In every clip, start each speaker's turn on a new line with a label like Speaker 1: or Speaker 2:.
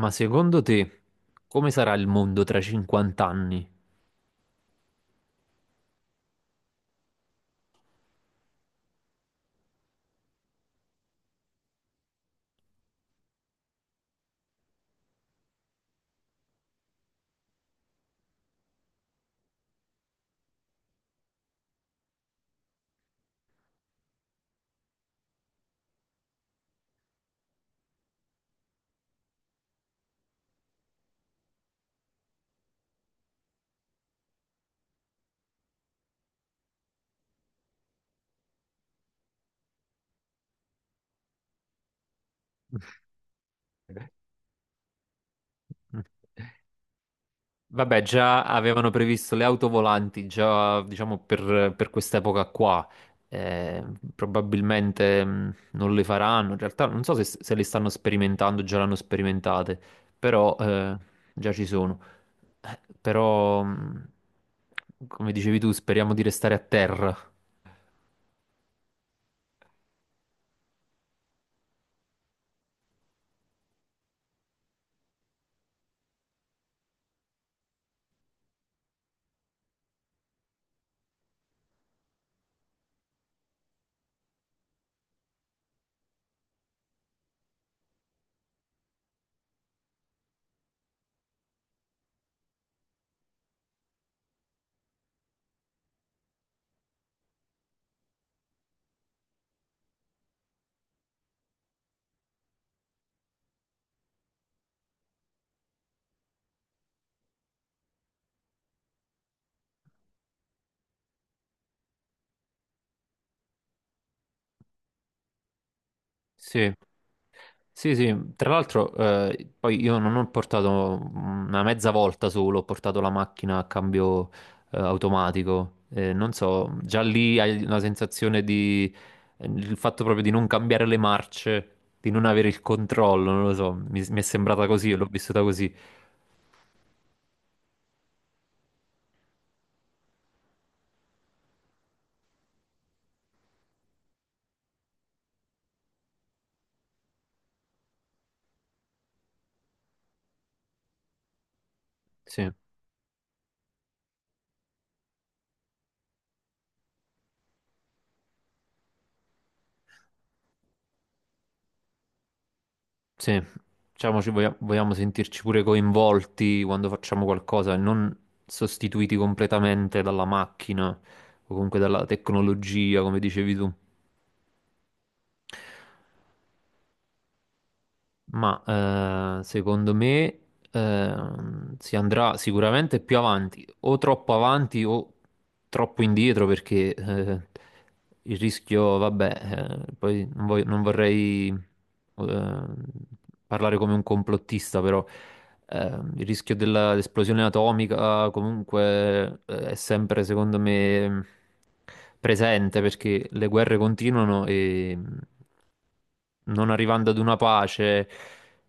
Speaker 1: Ma secondo te come sarà il mondo tra 50 anni? Mm. Vabbè, già avevano previsto le auto volanti, già diciamo per quest'epoca qua. Eh, probabilmente non le faranno. In realtà non so se le stanno sperimentando, già l'hanno sperimentate, però già ci sono. Però, come dicevi tu, speriamo di restare a terra. Sì. Sì, sì, tra l'altro poi io non ho portato una mezza volta solo, ho portato la macchina a cambio automatico. Non so, già lì hai una sensazione di il fatto proprio di non cambiare le marce, di non avere il controllo, non lo so, mi è sembrata così, l'ho vissuta così. Sì. Sì, diciamo, vogliamo sentirci pure coinvolti quando facciamo qualcosa e non sostituiti completamente dalla macchina o comunque dalla tecnologia, come dicevi tu. Ma secondo me si andrà sicuramente più avanti o troppo indietro, perché il rischio, vabbè, poi non, non vorrei eh, parlare come un complottista, però il rischio dell'esplosione atomica comunque è sempre, secondo me, presente, perché le guerre continuano e non arrivando ad una pace,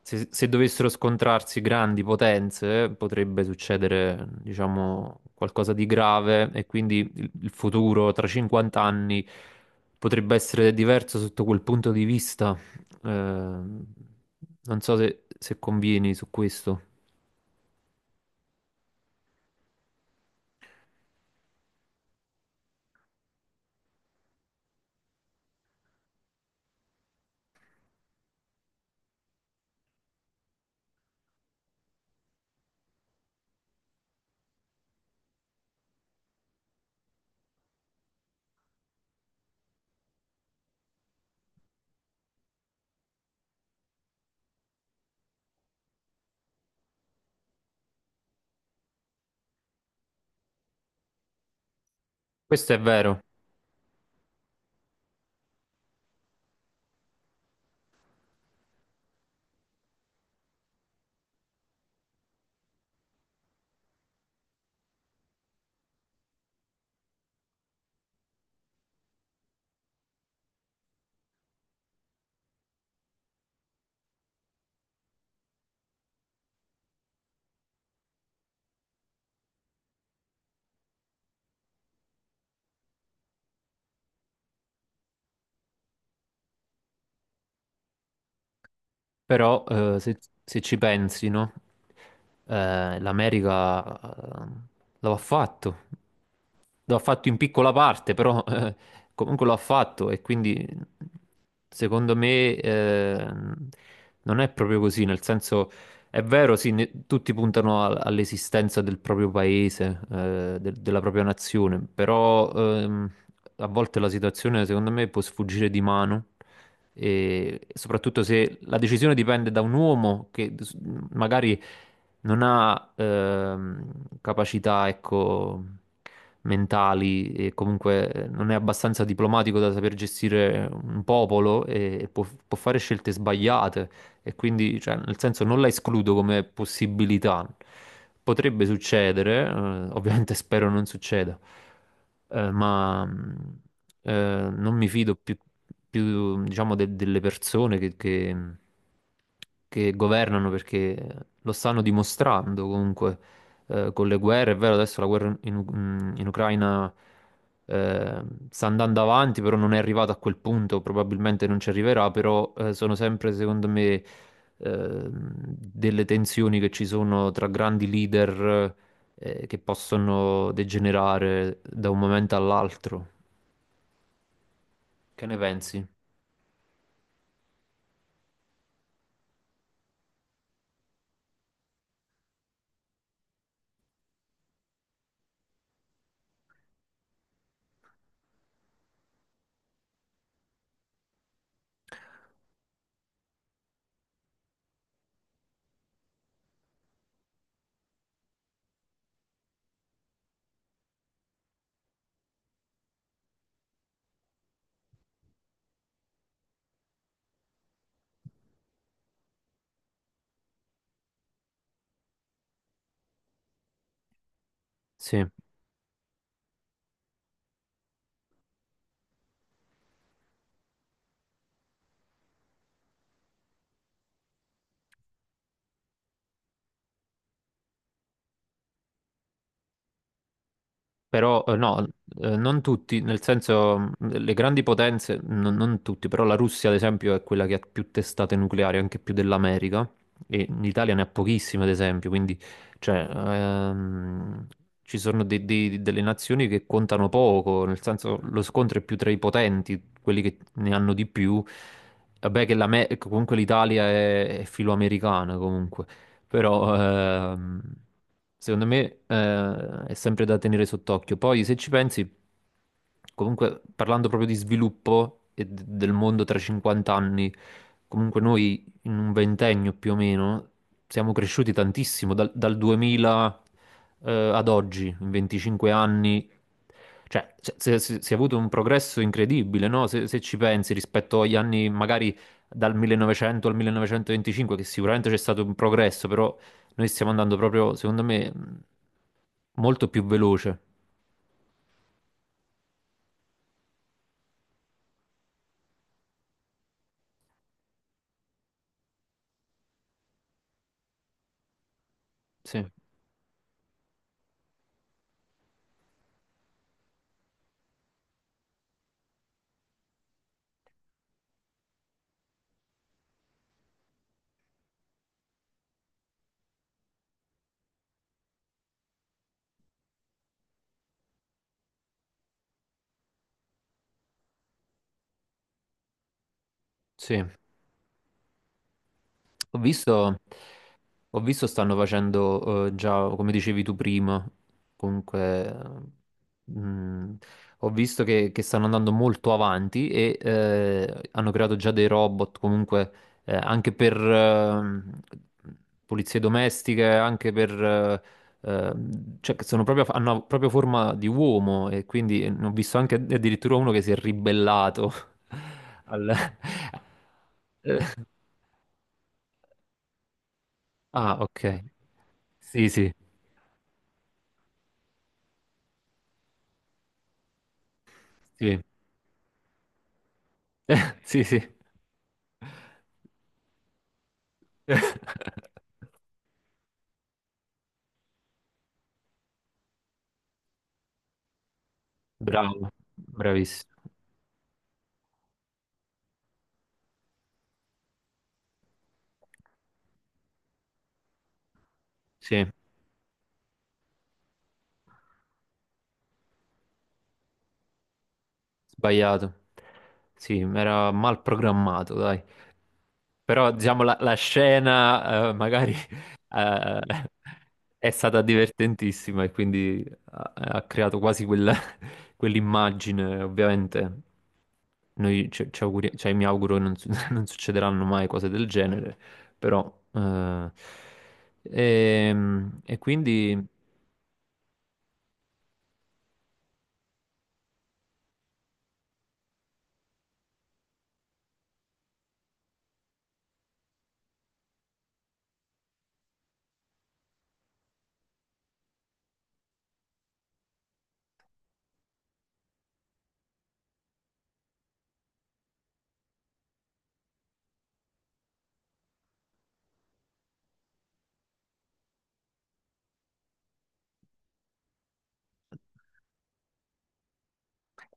Speaker 1: se dovessero scontrarsi grandi potenze, potrebbe succedere, diciamo, qualcosa di grave e quindi il futuro tra 50 anni potrebbe essere diverso sotto quel punto di vista. Non so se convieni su questo. Questo è vero, però se ci pensi, no? l'America lo ha fatto. L'ha fatto in piccola parte, però comunque l'ha fatto e quindi secondo me non è proprio così, nel senso è vero, sì, tutti puntano all'esistenza del proprio paese, della propria nazione, però a volte la situazione secondo me può sfuggire di mano, e soprattutto se la decisione dipende da un uomo che magari non ha capacità, ecco, mentali e comunque non è abbastanza diplomatico da saper gestire un popolo e può fare scelte sbagliate. E quindi, cioè, nel senso, non la escludo come possibilità. Potrebbe succedere, ovviamente spero non succeda, ma non mi fido più, diciamo, delle persone che governano perché lo stanno dimostrando comunque con le guerre. È vero, adesso la guerra in Ucraina sta andando avanti, però non è arrivata a quel punto, probabilmente non ci arriverà, però sono sempre, secondo me delle tensioni che ci sono tra grandi leader che possono degenerare da un momento all'altro. Che ne pensi? Sì. Però no, non tutti, nel senso le grandi potenze, non tutti, però la Russia ad esempio è quella che ha più testate nucleari, anche più dell'America, e l'Italia ne ha pochissime ad esempio, quindi cioè, ci sono delle nazioni che contano poco, nel senso lo scontro è più tra i potenti, quelli che ne hanno di più, vabbè che comunque l'Italia è filoamericana comunque però ehm, secondo me è sempre da tenere sott'occhio. Poi se ci pensi, comunque parlando proprio di sviluppo e del mondo tra 50 anni, comunque noi in un ventennio più o meno siamo cresciuti tantissimo dal 2000 ad oggi, in 25 anni. Cioè, si è avuto un progresso incredibile, no? Se ci pensi rispetto agli anni magari dal 1900 al 1925, che sicuramente c'è stato un progresso, però noi stiamo andando proprio, secondo me, molto più veloce. Sì, sì. Ho visto, Ho visto stanno facendo già, come dicevi tu prima, comunque, mm, ho visto che stanno andando molto avanti e hanno creato già dei robot comunque anche per pulizie domestiche, anche per, cioè che sono proprio, hanno proprio forma di uomo e quindi ho visto anche addirittura uno che si è ribellato al... Eh, Ah, ok. Sì, sì, sì. Eh, Sì, sì. Bravo, bravissimo. Sì, sbagliato. Sì, era mal programmato, dai. Però, diciamo, la scena, magari, eh, è stata divertentissima e quindi ha creato quasi quell'immagine. Ovviamente, noi cioè, mi auguro non, non succederanno mai cose del genere, però, e quindi.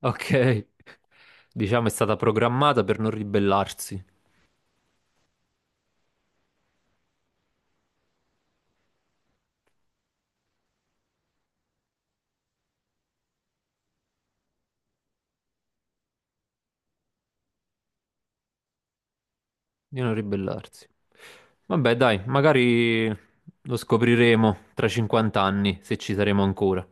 Speaker 1: Ok, diciamo, è stata programmata per non ribellarsi, di non ribellarsi. Vabbè, dai, magari lo scopriremo tra 50 anni, se ci saremo ancora.